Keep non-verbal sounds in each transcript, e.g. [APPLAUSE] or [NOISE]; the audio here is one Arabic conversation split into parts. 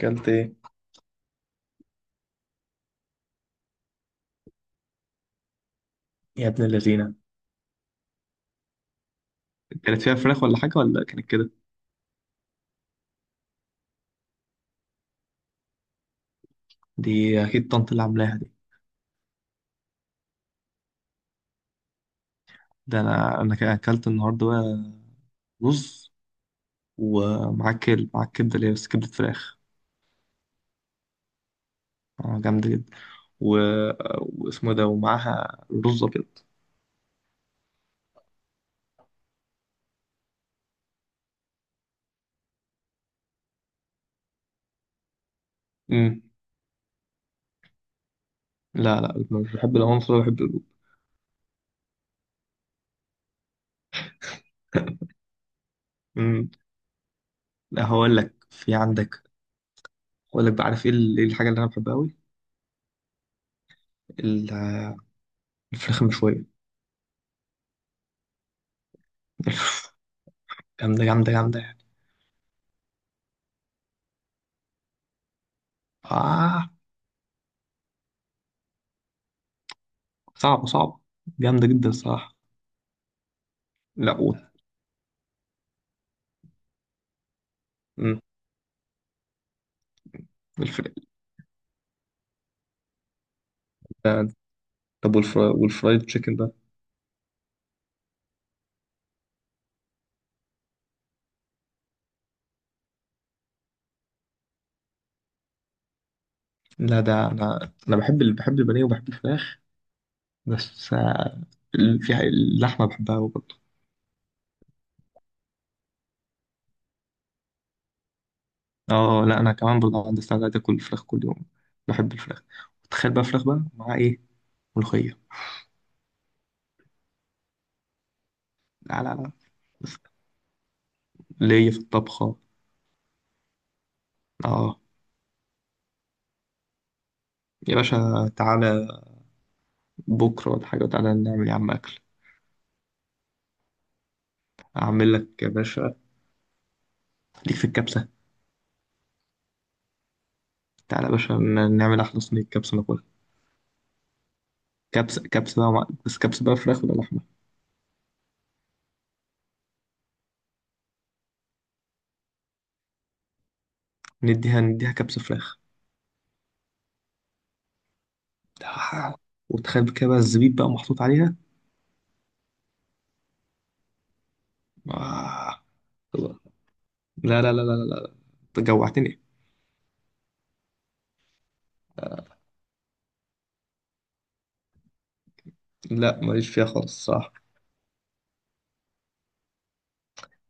اكلت ايه يا ابن اللذينة؟ كانت فيها فراخ ولا حاجة ولا كانت كده؟ دي أكيد طنط اللي عاملاها دي. ده أكلت النهاردة بقى رز، ومعاه معاه كبدة، اللي هي بس كبدة فراخ. جامدة جدا. و... واسمه ده، ومعاها رز أبيض. أمم. لا لا، مش بحب العنصر ولا بحب الرز. أمم. لا، هقول لك في عندك، هقول لك بقى. عارف إيه إيه الحاجة اللي أنا بحبها أوي؟ ال- الفراخ المشوية. [LAUGHS] جامدة جامدة جامدة يعني. آه، صعبة صعبة، جامدة جدا الصراحة. لا. مم. الفر... ده- طب والفرايد تشيكن ده؟ لا، ده انا بحب بحب البانيه وبحب الفراخ. بس آه، في اللحمه بحبها أوي برضه. اه لا، انا كمان برضه عندي استعداد اكل الفراخ كل يوم. بحب الفراخ. تخيل بقى فراخ بقى مع ايه؟ ملوخيه. لا لا لا، بس ليا في الطبخه. اه يا باشا، تعالى بكره ولا حاجه، تعالى نعمل يا عم اكل. اعمل لك يا باشا، ليك في الكبسه. تعالى يا باشا، نعمل احلى صينيه كبسه ناكلها. كبسه بقى بس كبسه بقى فراخ ولا لحمه؟ نديها نديها كبسة فراخ. وتخيل كده بقى الزبيب بقى محطوط عليها. آه. لا لا لا لا لا لا أنت جوعتني. لا، ماليش فيها خالص صح.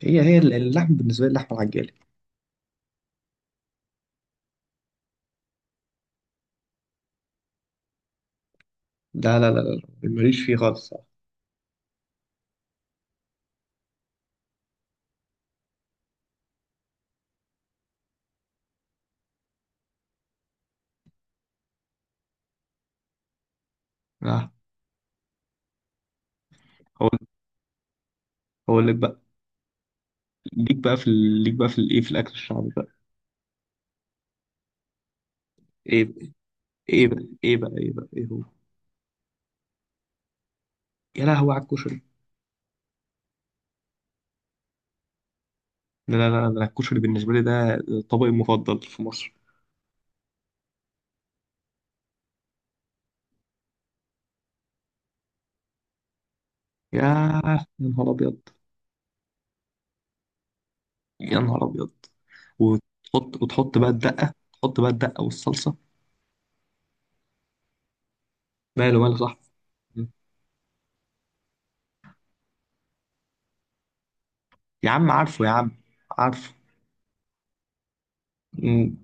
هي اللحم بالنسبة لي اللحمة العجالة. لا لا لا لا لا، ماليش فيه خالص صح. آه. هقول، هقول لك بقى، ليك بقى في ليك بقى في الايه، في الاكل الشعبي بقى. ايه، ايه بقى ايه بقى ايه بقى ايه هو؟ يا لهوي على الكشري. لا لا لا لا، الكشري بالنسبة لي ده طبقي المفضل في مصر. يا، يا نهار ابيض، يا نهار ابيض. وتحط، وتحط بقى الدقه، تحط بقى الدقه والصلصه. ماله ماله صح. يا عم عارفه يا عم، عارفه. مم.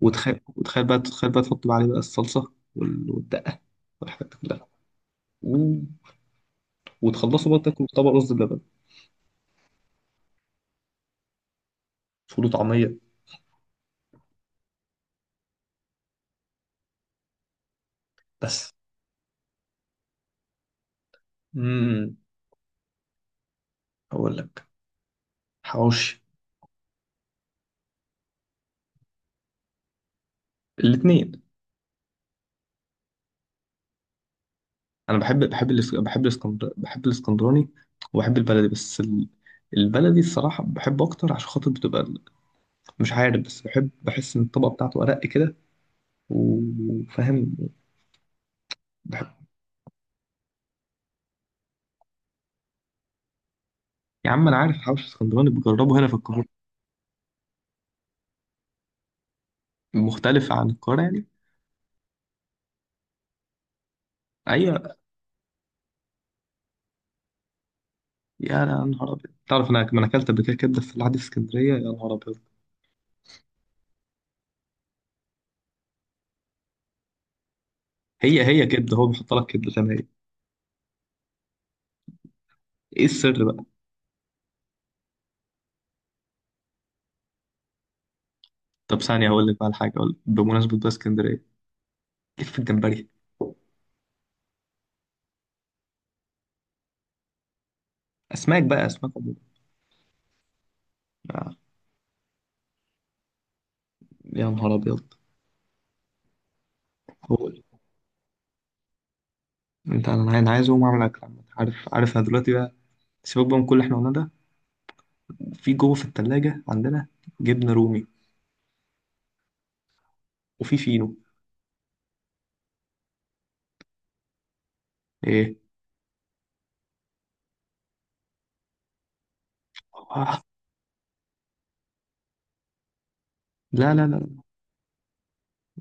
وتخيل، وتخيل بقى، تخيل بقى تحط بقى عليه بقى الصلصه والدقه والحاجات دي كلها. مم. وتخلصوا بقى تاكلوا طبق رز بلبن. فول وطعميه. بس، امم، اقول لك، حواوشي. الاثنين. انا بحب، بحب الاسكندر بحب الاسكندراني وبحب البلدي. بس البلدي الصراحه بحبه اكتر، عشان خاطر بتبقى، مش عارف، بس بحب، بحس ان الطبقه بتاعته ارق كده. وفاهم. بحب. يا عم، انا عارف الحوش الاسكندراني بجربه هنا في القاهره. مختلف عن القاهره يعني؟ ايوه. يا نهار ابيض، تعرف انا، ما انا اكلت قبل كده كبده في العادي في اسكندريه، يا نهار ابيض. هي كبده، هو بيحط لك كبده زي ما هي. ايه السر بقى؟ طب ثانيه، هقول لك بقى الحاجه، اقول لك بمناسبه بقى اسكندريه، ليك في الجمبري. اسماك بقى، اسماك عموما. آه، يا نهار ابيض. هو انت، انا عايز، أنا عايز اقوم اعمل اكل عامة. عارف، عارف انا دلوقتي بقى، سيبك بقى من كل اللي احنا قلناه ده، في جوه في التلاجة عندنا جبنة رومي، وفي فينو. ايه؟ آه. لا لا لا،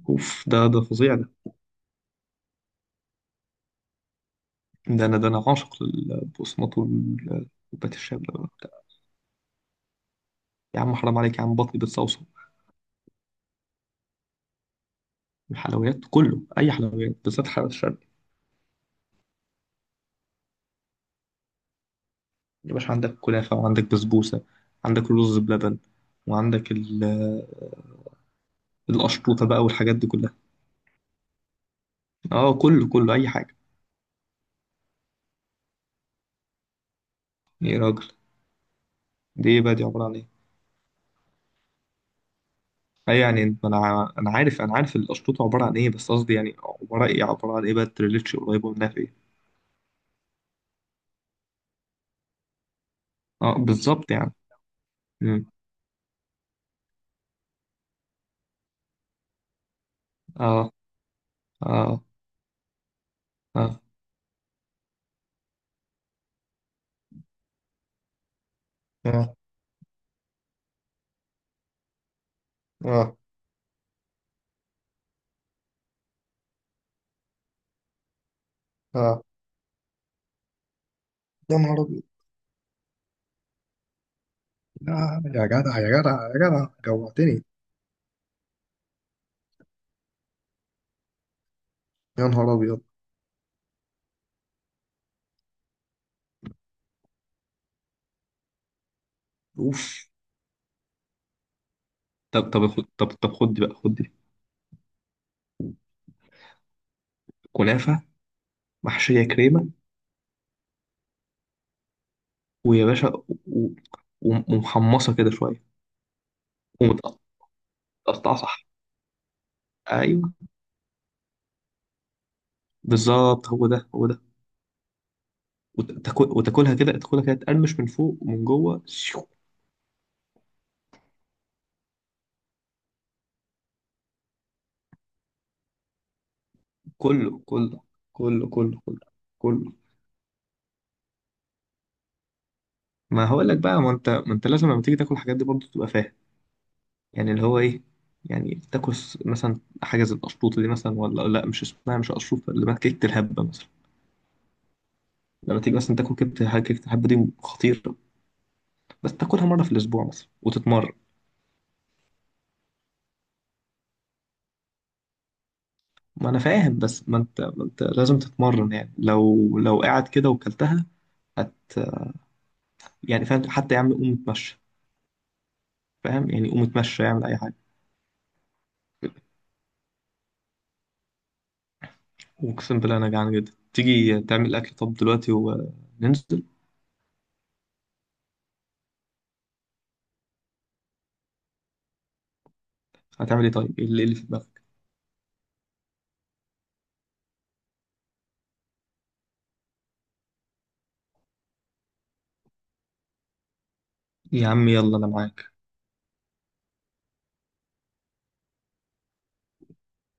اوف، ده ده فظيع ده. ده انا، ده انا عاشق للبقسماط وبات الشام ده. ده- يا عم حرام عليك يا عم، بطني بتصوصو. الحلويات كله، اي حلويات، بالذات حلويات الشرق. يا باشا، عندك كنافة، وعندك بسبوسة، عندك رز بلبن، وعندك القشطوطة بقى والحاجات دي كلها. اه، كله كله اي حاجة. ايه يا راجل؟ دي إيه بقى؟ دي عبارة عن إيه؟ اي يعني انت، انا عارف، انا عارف الاشرطه عباره عن ايه، بس قصدي يعني عباره ايه، عباره عن ايه بقى التريليتش قريبه منها في ايه؟ اه بالظبط يعني. مم. اه اه اه اه اه اه. يا نهار ابيض، لا يا جدع يا جدع يا جدع، جوعتني. يا نهار ابيض، اوف. طب طب خد، طب طب خد دي بقى، خد دي كنافه محشيه كريمه، ويا باشا، و- ومحمصه كده شويه، ومتقطعه صح. ايوه، بالظبط، هو ده هو ده. وتاكل، وتاكلها كده، تاكلها كده، تقرمش من فوق ومن جوه كله كله كله كله كله كله. ما هقول لك بقى، ما انت ما انت لازم لما تيجي تاكل الحاجات دي برضه تبقى فاهم. يعني اللي هو ايه، يعني تاكل مثلا حاجه زي القشطوطه دي مثلا، ولا لا مش اسمها، مش قشطوطه، اللي بقى كيكه الهبه مثلا. لما تيجي مثلا تاكل كيكه الهبه، كيكه الهبه دي خطيره. بس تاكلها مره في الاسبوع مثلا وتتمرن. ما انا فاهم، بس ما انت ما انت لازم تتمرن، يعني لو، لو قاعد كده وكلتها، هت، يعني فاهم، حتى يا عم قوم اتمشى. فاهم؟ يعني قوم اتمشى، اعمل اي حاجه. واقسم بالله انا جعان جدا، تيجي تعمل اكل طب دلوقتي وننزل؟ هتعمل ايه طيب؟ ايه اللي، إيه اللي في دماغك؟ يا عم يلا، انا معاك.